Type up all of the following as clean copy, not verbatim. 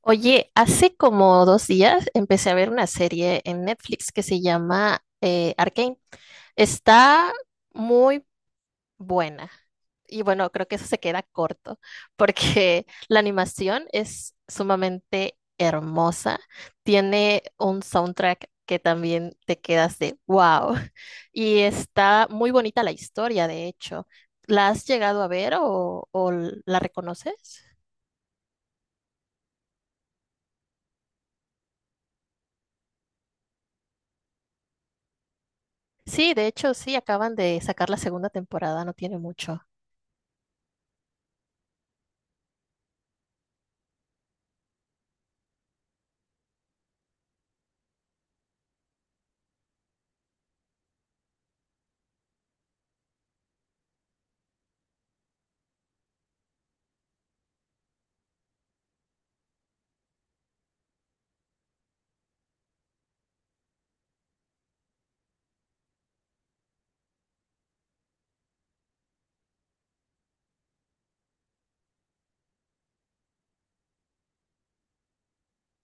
Oye, hace como 2 días empecé a ver una serie en Netflix que se llama Arcane. Está muy buena. Y bueno, creo que eso se queda corto porque la animación es sumamente hermosa. Tiene un soundtrack que también te quedas de wow. Y está muy bonita la historia, de hecho. ¿La has llegado a ver o la reconoces? Sí, de hecho, sí, acaban de sacar la segunda temporada, no tiene mucho.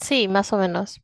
Sí, más o menos.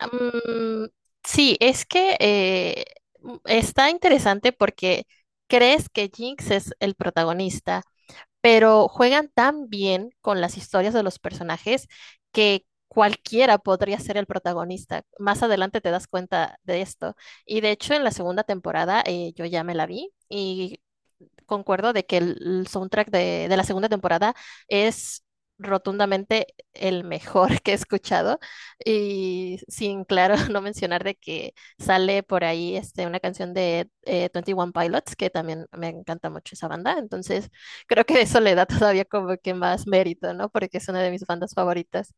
Mm, sí, es que está interesante porque crees que Jinx es el protagonista, pero juegan tan bien con las historias de los personajes que cualquiera podría ser el protagonista. Más adelante te das cuenta de esto. Y de hecho, en la segunda temporada yo ya me la vi y concuerdo de que el soundtrack de la segunda temporada es rotundamente el mejor que he escuchado y sin claro no mencionar de que sale por ahí este, una canción de twenty One Pilots, que también me encanta mucho esa banda. Entonces creo que eso le da todavía como que más mérito, ¿no? Porque es una de mis bandas favoritas.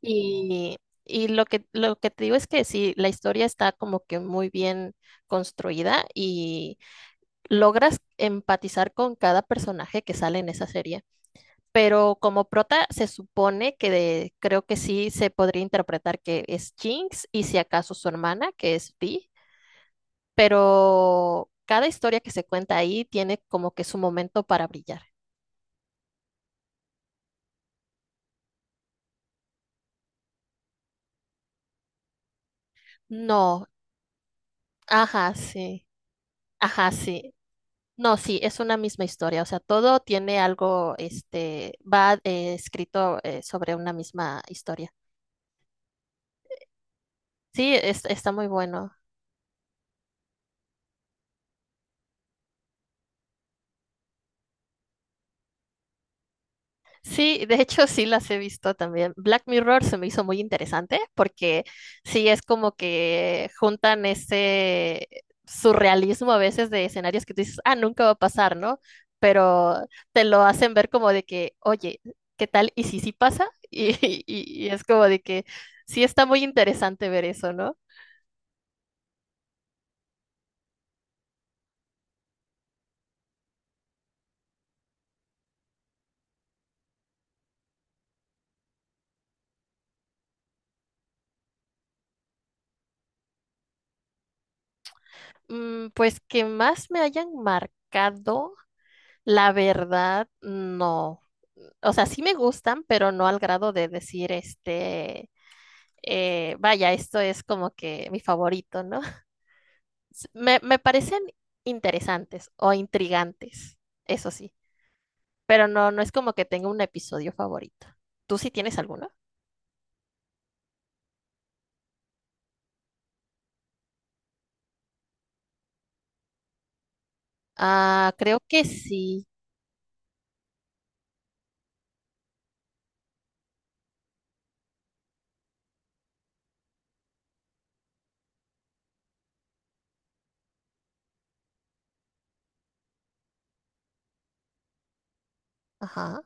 Y, y lo que te digo es que sí, la historia está como que muy bien construida y logras empatizar con cada personaje que sale en esa serie. Pero como prota se supone que creo que sí se podría interpretar que es Jinx y si acaso su hermana, que es Vi, pero cada historia que se cuenta ahí tiene como que su momento para brillar. No, ajá, sí, ajá, sí. No, sí, es una misma historia, o sea, todo tiene algo, este, va escrito sobre una misma historia. Sí, está muy bueno. Sí, de hecho sí las he visto también. Black Mirror se me hizo muy interesante porque sí es como que juntan ese surrealismo a veces de escenarios que tú dices, ah, nunca va a pasar, ¿no? Pero te lo hacen ver como de que, oye, ¿qué tal? ¿Y si sí pasa? Y, y es como de que sí está muy interesante ver eso, ¿no? Mm, pues que más me hayan marcado. La verdad, no. O sea, sí me gustan, pero no al grado de decir, este, vaya, esto es como que mi favorito, ¿no? Me parecen interesantes o intrigantes, eso sí, pero no es como que tenga un episodio favorito. ¿Tú sí tienes alguno? Ah, creo que sí. Ajá.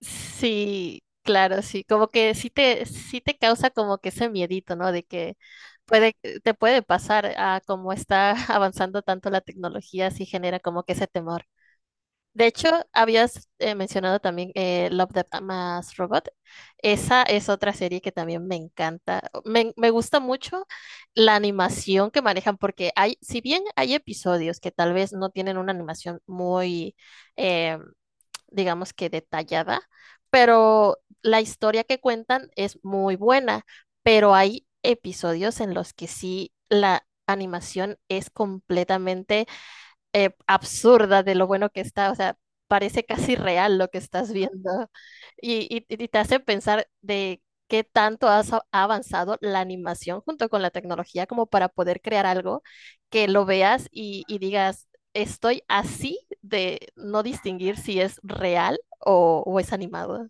Sí, claro, sí, como que sí te causa como que ese miedito, ¿no? De que puede, te puede pasar. A como está avanzando tanto la tecnología, sí genera como que ese temor. De hecho, habías mencionado también Love, Death Mas Robot. Esa es otra serie que también me encanta. Me gusta mucho la animación que manejan, porque hay, si bien hay episodios que tal vez no tienen una animación muy, em, digamos que detallada, pero la historia que cuentan es muy buena, pero hay episodios en los que sí la animación es completamente absurda de lo bueno que está, o sea, parece casi real lo que estás viendo y te hace pensar de qué tanto ha avanzado la animación junto con la tecnología como para poder crear algo que lo veas y digas, estoy así de no distinguir si es real o es animado.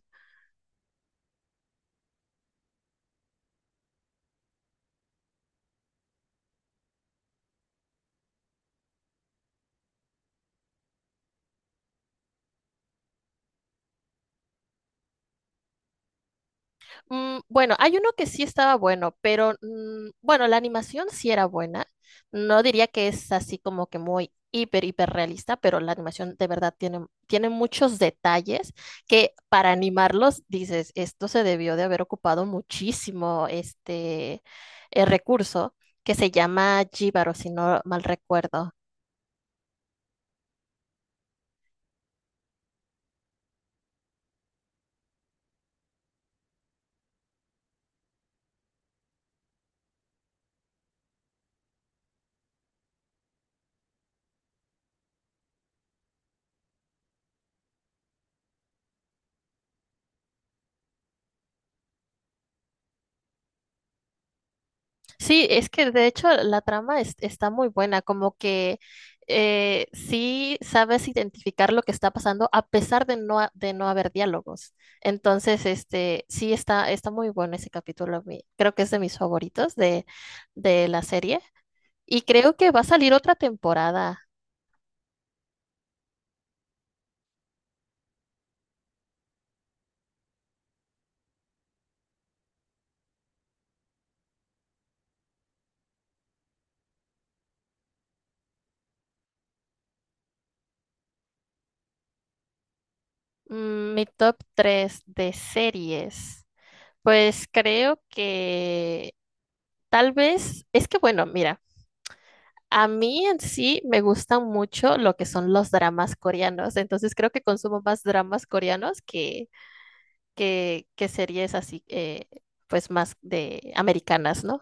Mm, bueno, hay uno que sí estaba bueno, pero bueno, la animación sí era buena. No diría que es así como que muy hiper, hiper realista, pero la animación de verdad tiene muchos detalles que para animarlos dices, esto se debió de haber ocupado muchísimo este recurso que se llama Jíbaro, si no mal recuerdo. Sí, es que de hecho la trama está muy buena, como que sí sabes identificar lo que está pasando a pesar de de no haber diálogos. Entonces, este, sí está muy bueno ese capítulo. A Creo que es de mis favoritos de la serie. Y creo que va a salir otra temporada. Mm, mi top 3 de series. Pues creo que tal vez, es que bueno, mira. A mí en sí me gustan mucho lo que son los dramas coreanos, entonces creo que consumo más dramas coreanos que series así, pues más de americanas, ¿no?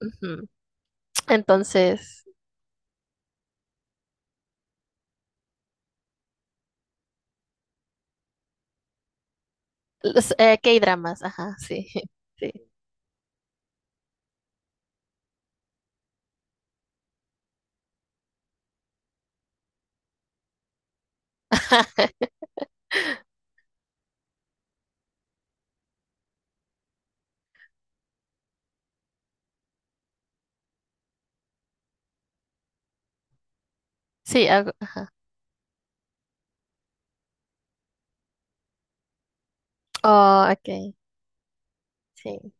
Ujú. Entonces, los, K-dramas, ajá, sí, sí, sí, ajá. Oh, ok, sí.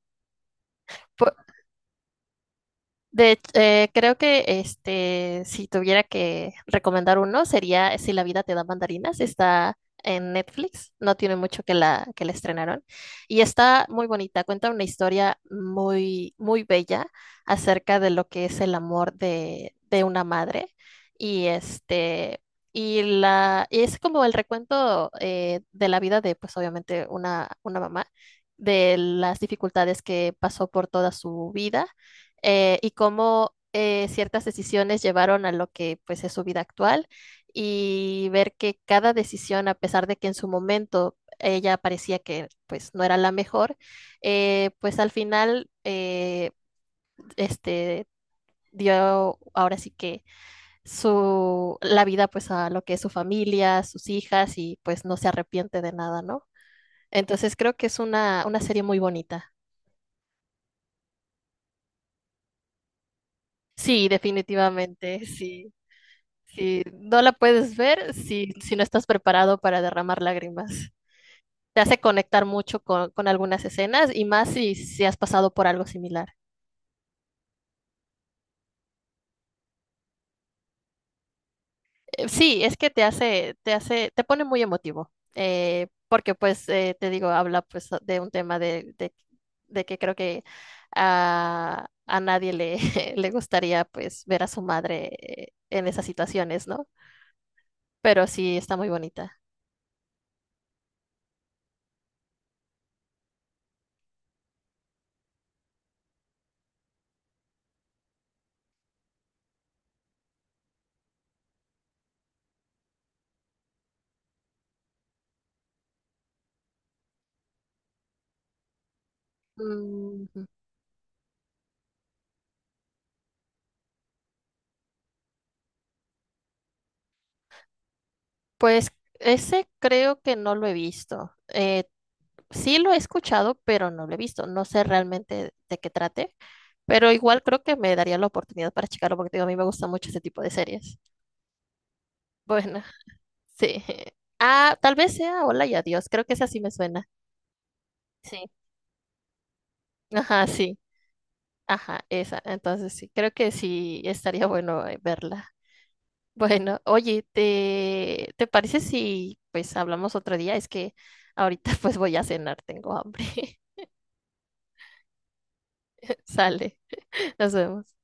Creo que este, si tuviera que recomendar uno, sería Si la vida te da mandarinas. Está en Netflix, no tiene mucho que la estrenaron. Y está muy bonita, cuenta una historia muy, muy bella acerca de lo que es el amor de una madre. Y este, y es como el recuento de la vida de, pues obviamente, una mamá, de las dificultades que pasó por toda su vida y cómo ciertas decisiones llevaron a lo que pues es su vida actual y ver que cada decisión, a pesar de que en su momento ella parecía que pues no era la mejor, pues al final este dio ahora sí que su la vida pues a lo que es su familia, sus hijas, y pues no se arrepiente de nada, ¿no? Entonces creo que es una serie muy bonita. Sí, definitivamente, sí. Si no la puedes ver, si no estás preparado para derramar lágrimas. Te hace conectar mucho con algunas escenas, y más si has pasado por algo similar. Sí, es que te hace, te pone muy emotivo, porque pues te digo, habla pues de un tema de que creo que a nadie le, le gustaría pues ver a su madre en esas situaciones, ¿no? Pero sí, está muy bonita. Pues ese creo que no lo he visto. Sí lo he escuchado, pero no lo he visto. No sé realmente de qué trate, pero igual creo que me daría la oportunidad para checarlo, porque te digo, a mí me gusta mucho ese tipo de series. Bueno, sí. Ah, tal vez sea Hola y Adiós. Creo que esa sí me suena. Sí. Ajá, sí. Ajá, esa. Entonces sí, creo que sí estaría bueno verla. Bueno, oye, ¿te parece si pues hablamos otro día? Es que ahorita pues voy a cenar, tengo hambre. Sale. Nos vemos.